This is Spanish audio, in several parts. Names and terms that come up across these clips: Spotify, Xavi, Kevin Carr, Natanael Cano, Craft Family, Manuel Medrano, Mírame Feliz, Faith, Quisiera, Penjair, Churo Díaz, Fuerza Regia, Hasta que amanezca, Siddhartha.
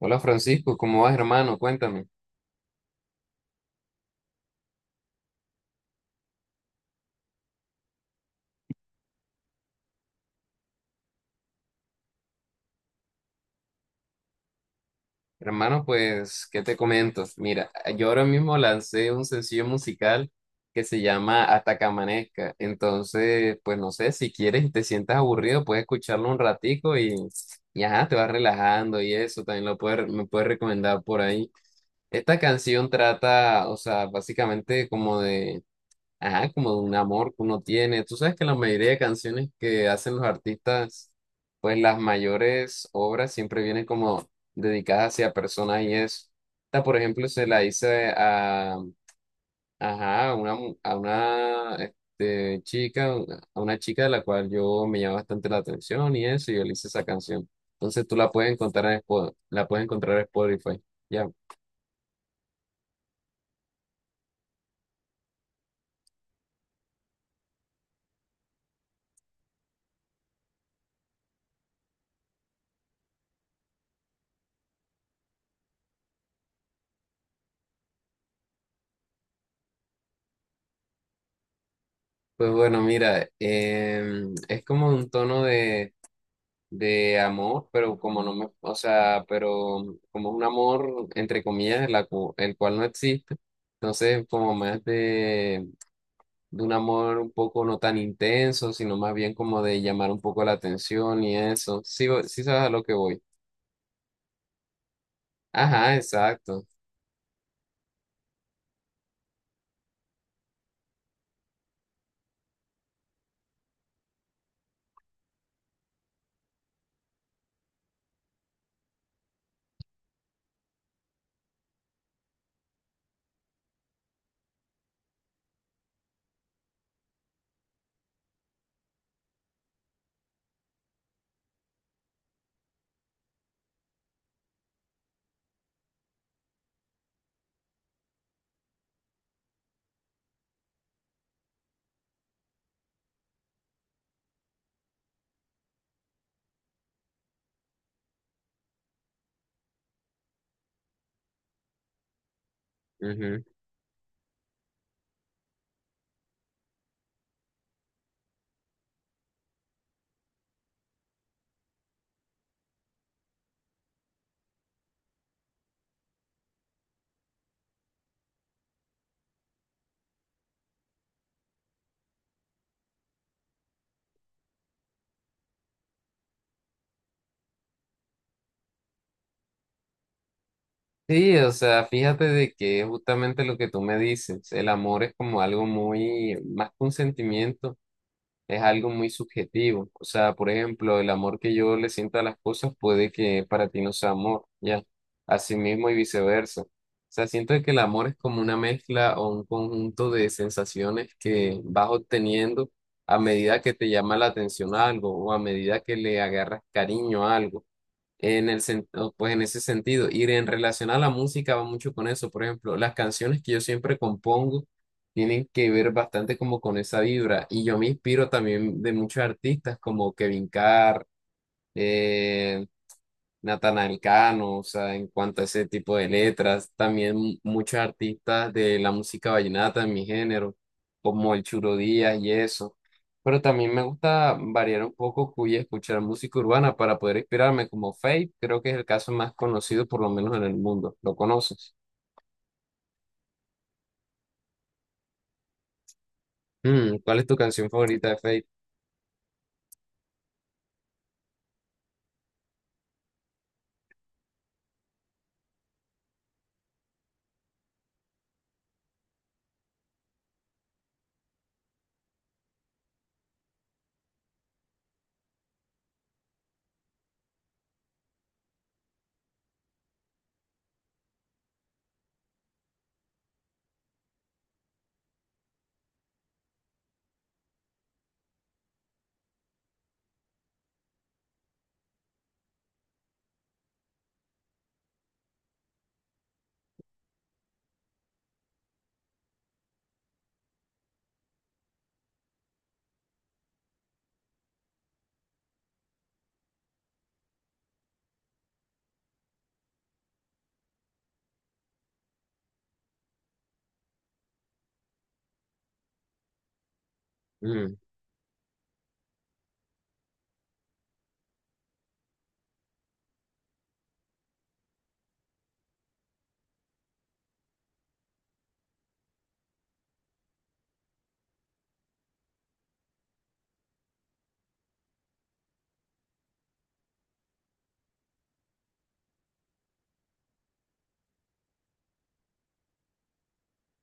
Hola Francisco, ¿cómo vas, hermano? Cuéntame. Hermano, pues, ¿qué te comento? Mira, yo ahora mismo lancé un sencillo musical que se llama Hasta que amanezca. Entonces, pues no sé, si quieres y te sientas aburrido, puedes escucharlo un ratico y ajá, te vas relajando y eso, también lo puedes, me puedes recomendar por ahí. Esta canción trata, o sea, básicamente como de ajá, como de un amor que uno tiene. Tú sabes que la mayoría de canciones que hacen los artistas, pues las mayores obras siempre vienen como dedicadas hacia personas y eso. Esta, por ejemplo, se la hice a, ajá, a una, a una chica, a una chica de la cual yo me llama bastante la atención y eso, y yo le hice esa canción. Entonces tú la puedes encontrar en la puedes encontrar en Spotify. Ya. Pues bueno, mira, es como un tono de amor, pero como no me, o sea, pero como un amor, entre comillas, el cual no existe. Entonces, como más de un amor un poco no tan intenso, sino más bien como de llamar un poco la atención y eso. Sí, sí sabes a lo que voy. Ajá, exacto. Ujú. Sí, o sea, fíjate de que es justamente lo que tú me dices, el amor es como algo muy, más que un sentimiento es algo muy subjetivo. O sea, por ejemplo, el amor que yo le siento a las cosas puede que para ti no sea amor, ¿ya? Así mismo y viceversa. O sea, siento que el amor es como una mezcla o un conjunto de sensaciones que vas obteniendo a medida que te llama la atención algo o a medida que le agarras cariño a algo o, pues en ese sentido. Y en relación a la música va mucho con eso. Por ejemplo, las canciones que yo siempre compongo tienen que ver bastante como con esa vibra. Y yo me inspiro también de muchos artistas como Kevin Carr, eh, Natanael Cano, o sea, en cuanto a ese tipo de letras, también muchos artistas de la música vallenata en mi género, como el Churo Díaz y eso. Pero también me gusta variar un poco y escuchar música urbana para poder inspirarme, como Faith, creo que es el caso más conocido por lo menos en el mundo. ¿Lo conoces? Mm, ¿cuál es tu canción favorita de Faith?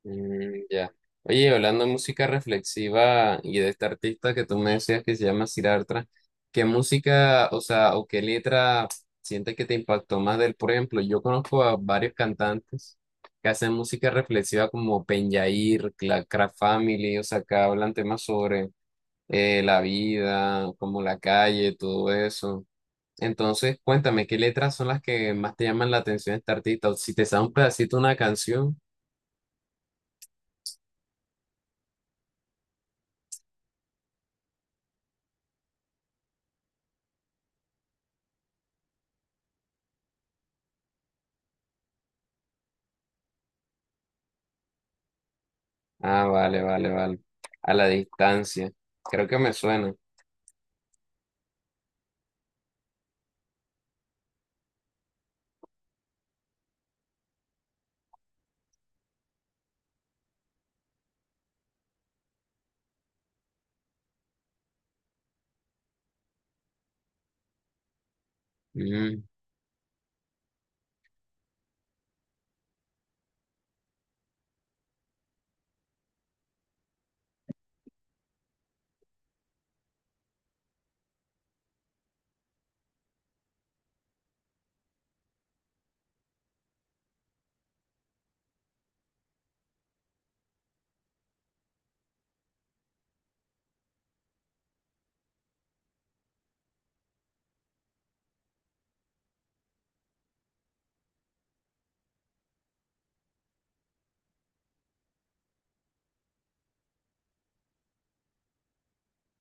Mm, ya. Oye, hablando de música reflexiva y de este artista que tú me decías que se llama Siddhartha, ¿qué música, o sea, o qué letra sientes que te impactó más de él? Por ejemplo, yo conozco a varios cantantes que hacen música reflexiva como Penjair, la Craft Family, o sea, que hablan temas sobre la vida, como la calle, todo eso. Entonces, cuéntame, ¿qué letras son las que más te llaman la atención de este artista? O si te sabes un pedacito de una canción. Ah, vale, vale, vale. A la distancia. Creo que me suena. Mm,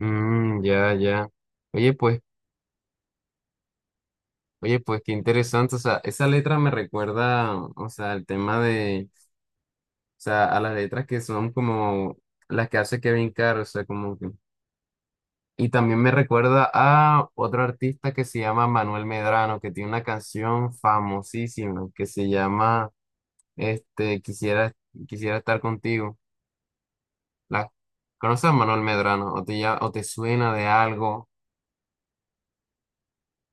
mm, ya, ya. Oye, pues, oye, pues, qué interesante. O sea, esa letra me recuerda, o sea, el tema de, o sea, a las letras que son como las que hace Kevin Carr, o sea, como que. Y también me recuerda a otro artista que se llama Manuel Medrano, que tiene una canción famosísima que se llama, este, Quisiera, quisiera estar contigo. La, ¿conoces a Manuel Medrano? ¿O te, o te suena de algo?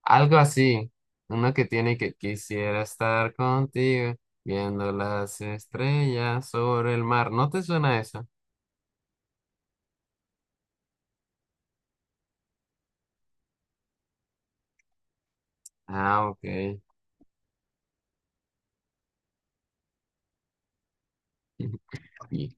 Algo así. Una que tiene que quisiera estar contigo, viendo las estrellas sobre el mar. ¿No te suena eso? Ah, ok. Y-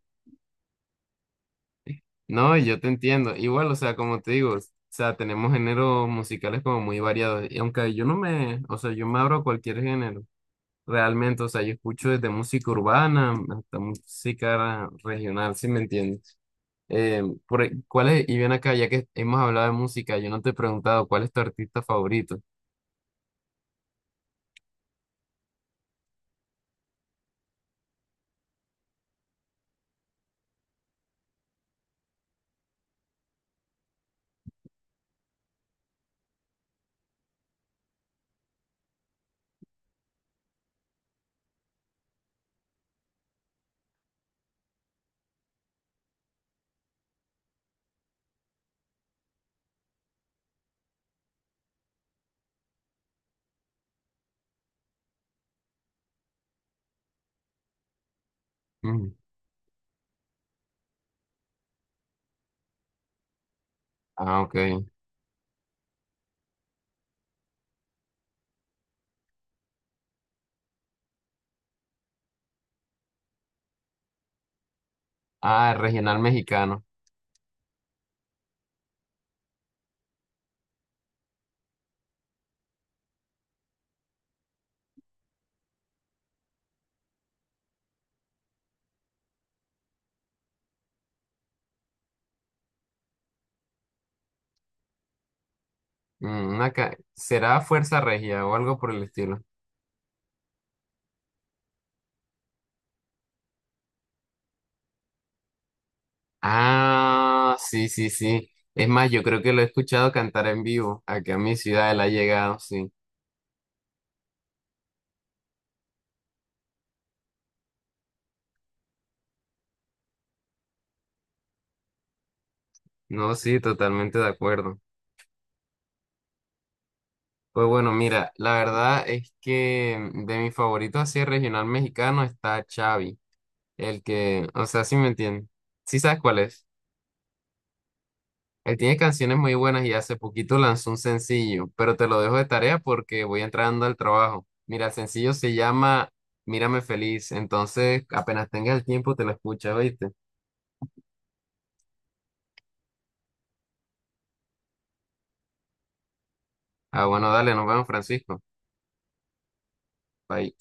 No, yo te entiendo. Igual, o sea, como te digo, o sea, tenemos géneros musicales como muy variados. Y aunque yo no me, o sea, yo me abro a cualquier género, realmente, o sea, yo escucho desde música urbana hasta música regional, ¿sí me entiendes? Eh, ¿Cuál es? Y bien acá, ya que hemos hablado de música, yo no te he preguntado cuál es tu artista favorito. Mm, ah, ok. Ah, regional mexicano. Mm, acá, ¿será Fuerza Regia o algo por el estilo? Ah, sí, sí, sí. Es más, yo creo que lo he escuchado cantar en vivo. Aquí a mi ciudad él ha llegado, sí. No, sí, totalmente de acuerdo. Pues bueno, mira, la verdad es que de mi favorito así regional mexicano está Xavi, el que, o sea, sí me entiendes. ¿Sí sabes cuál es? Él tiene canciones muy buenas y hace poquito lanzó un sencillo, pero te lo dejo de tarea porque voy entrando al trabajo. Mira, el sencillo se llama Mírame Feliz, entonces apenas tengas el tiempo te lo escuchas, ¿oíste? Ah, bueno, dale, nos vemos, Francisco. Bye.